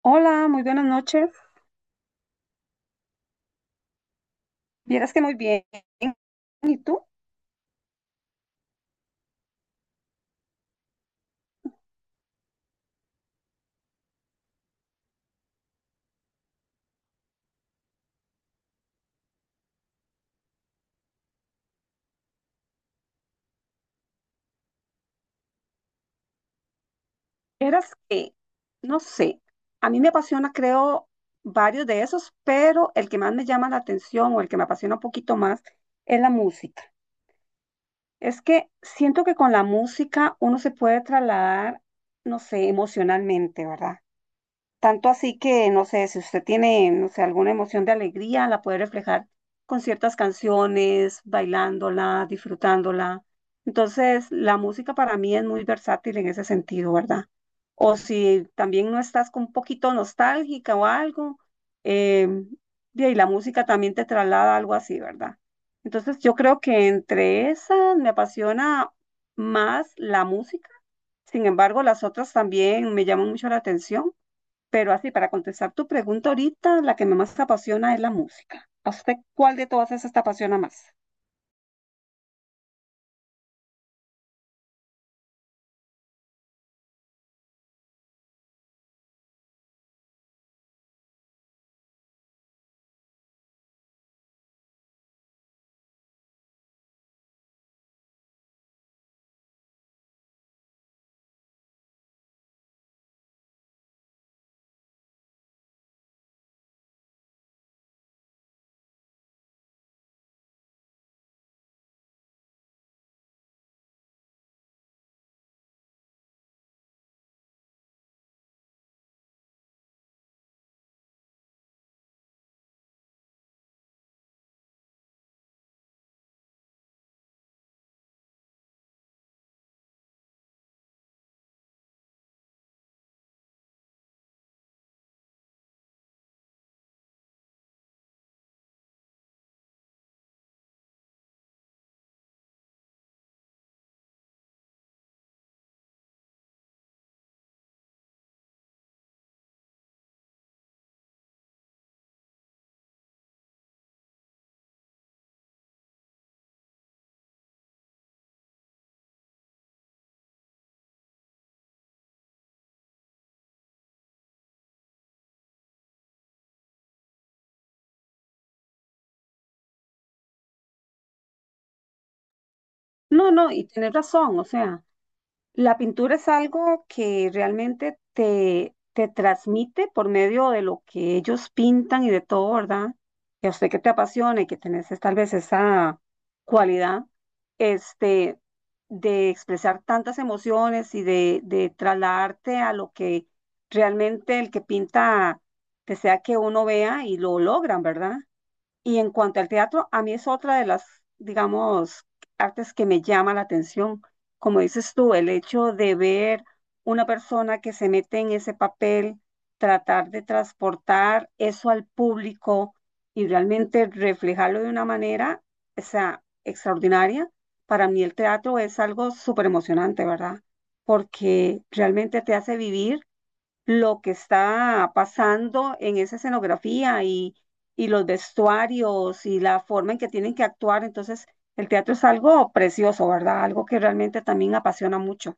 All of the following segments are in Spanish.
Hola, muy buenas noches. Vieras que muy bien. ¿Y tú? Vieras que, no sé, a mí me apasiona, creo, varios de esos, pero el que más me llama la atención o el que me apasiona un poquito más es la música. Es que siento que con la música uno se puede trasladar, no sé, emocionalmente, ¿verdad? Tanto así que, no sé, si usted tiene, no sé, alguna emoción de alegría, la puede reflejar con ciertas canciones, bailándola, disfrutándola. Entonces, la música para mí es muy versátil en ese sentido, ¿verdad? O si también no estás con un poquito nostálgica o algo, eh, y ahí la música también te traslada algo así, ¿verdad? Entonces, yo creo que entre esas me apasiona más la música. Sin embargo, las otras también me llaman mucho la atención. Pero así, para contestar tu pregunta ahorita, la que más apasiona es la música. ¿A usted cuál de todas esas te apasiona más? No, no, y tienes razón, o sea. La pintura es algo que realmente te transmite por medio de lo que ellos pintan y de todo, ¿verdad? Que a usted que te apasiona y que tenés es tal vez esa cualidad, este, de expresar tantas emociones y de trasladarte a lo que realmente el que pinta desea que uno vea y lo logran, ¿verdad? Y en cuanto al teatro, a mí es otra de las, digamos, artes que me llama la atención. Como dices tú, el hecho de ver una persona que se mete en ese papel, tratar de transportar eso al público y realmente reflejarlo de una manera, o sea, extraordinaria. Para mí el teatro es algo súper emocionante, ¿verdad? Porque realmente te hace vivir lo que está pasando en esa escenografía y los vestuarios y la forma en que tienen que actuar. Entonces, el teatro es algo precioso, ¿verdad? Algo que realmente también apasiona mucho.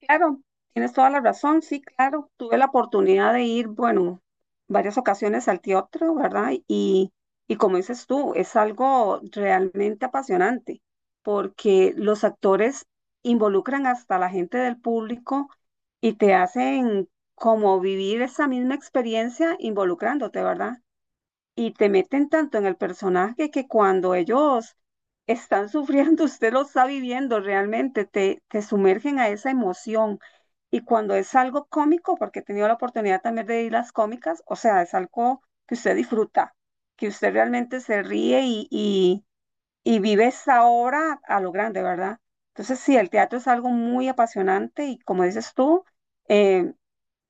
Claro, tienes toda la razón, sí, claro. Tuve la oportunidad de ir, bueno, varias ocasiones al teatro, ¿verdad? Y como dices tú, es algo realmente apasionante, porque los actores involucran hasta la gente del público y te hacen como vivir esa misma experiencia involucrándote, ¿verdad? Y te meten tanto en el personaje que cuando ellos están sufriendo, usted lo está viviendo realmente, te sumergen a esa emoción. Y cuando es algo cómico, porque he tenido la oportunidad también de ir a las cómicas, o sea, es algo que usted disfruta, que usted realmente se ríe y vive esa obra a lo grande, ¿verdad? Entonces, sí, el teatro es algo muy apasionante y como dices tú, eh,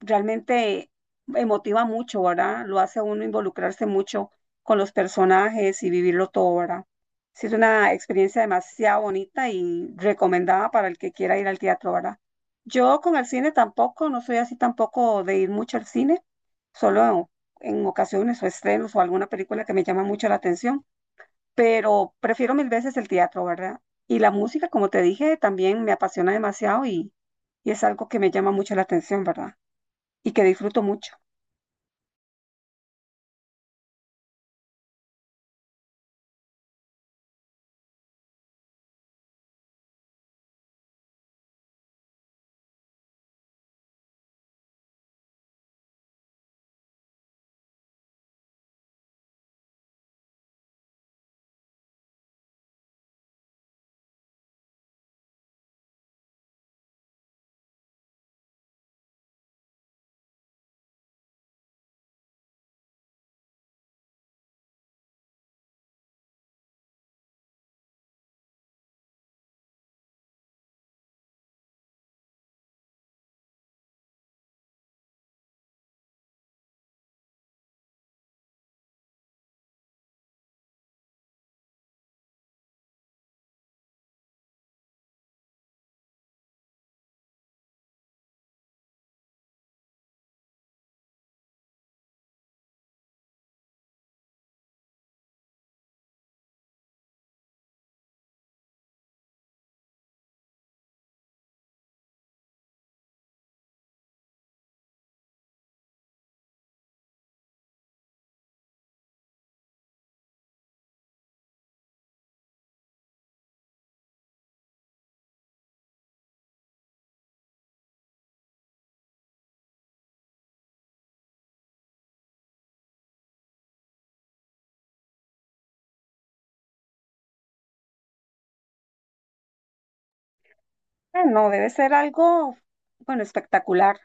realmente emotiva mucho, ¿verdad? Lo hace a uno involucrarse mucho con los personajes y vivirlo todo, ¿verdad? Sí, es una experiencia demasiado bonita y recomendada para el que quiera ir al teatro, ¿verdad? Yo con el cine tampoco, no soy así tampoco de ir mucho al cine, solo en ocasiones o estrenos o alguna película que me llama mucho la atención, pero prefiero mil veces el teatro, ¿verdad? Y la música, como te dije, también me apasiona demasiado y es algo que me llama mucho la atención, ¿verdad? Y que disfruto mucho. Ah, no, debe ser algo, bueno, espectacular.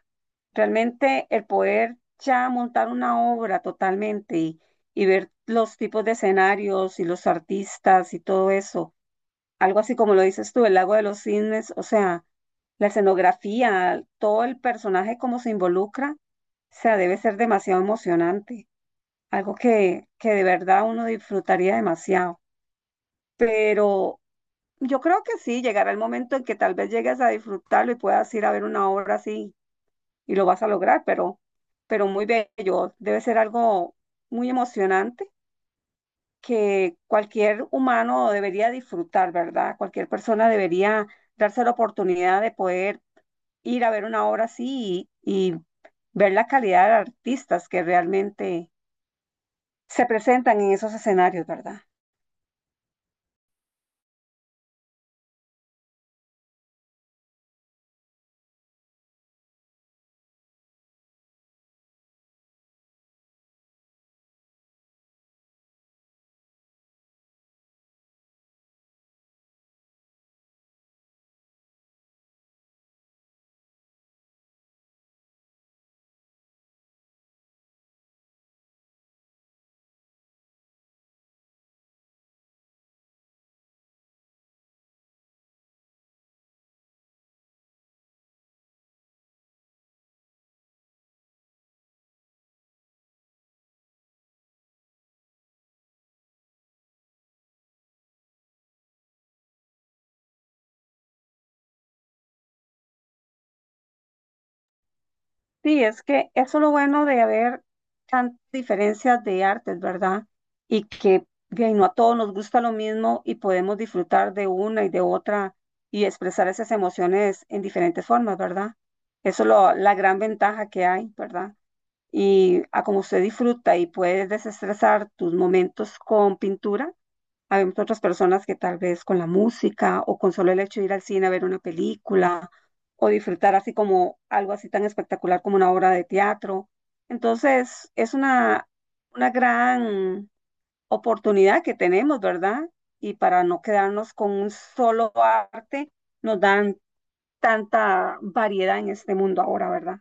Realmente el poder ya montar una obra totalmente y ver los tipos de escenarios y los artistas y todo eso, algo así como lo dices tú, el Lago de los Cisnes, o sea, la escenografía, todo el personaje como se involucra, o sea, debe ser demasiado emocionante, algo que de verdad uno disfrutaría demasiado. Pero yo creo que sí, llegará el momento en que tal vez llegues a disfrutarlo y puedas ir a ver una obra así y lo vas a lograr, pero muy bello. Debe ser algo muy emocionante que cualquier humano debería disfrutar, ¿verdad? Cualquier persona debería darse la oportunidad de poder ir a ver una obra así y ver la calidad de artistas que realmente se presentan en esos escenarios, ¿verdad? Sí, es que eso es lo bueno de haber tantas diferencias de artes, ¿verdad? Y que bien, no a todos nos gusta lo mismo y podemos disfrutar de una y de otra y expresar esas emociones en diferentes formas, ¿verdad? La gran ventaja que hay, ¿verdad? Y a como usted disfruta y puedes desestresar tus momentos con pintura, habemos otras personas que tal vez con la música o con solo el hecho de ir al cine a ver una película o disfrutar así como algo así tan espectacular como una obra de teatro. Entonces, una gran oportunidad que tenemos, ¿verdad? Y para no quedarnos con un solo arte, nos dan tanta variedad en este mundo ahora, ¿verdad?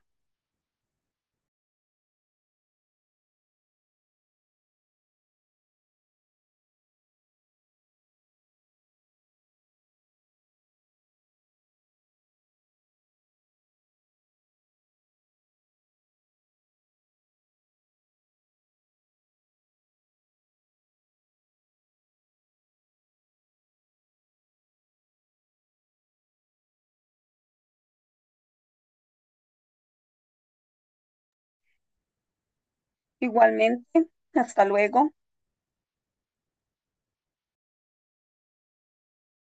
Igualmente, hasta luego.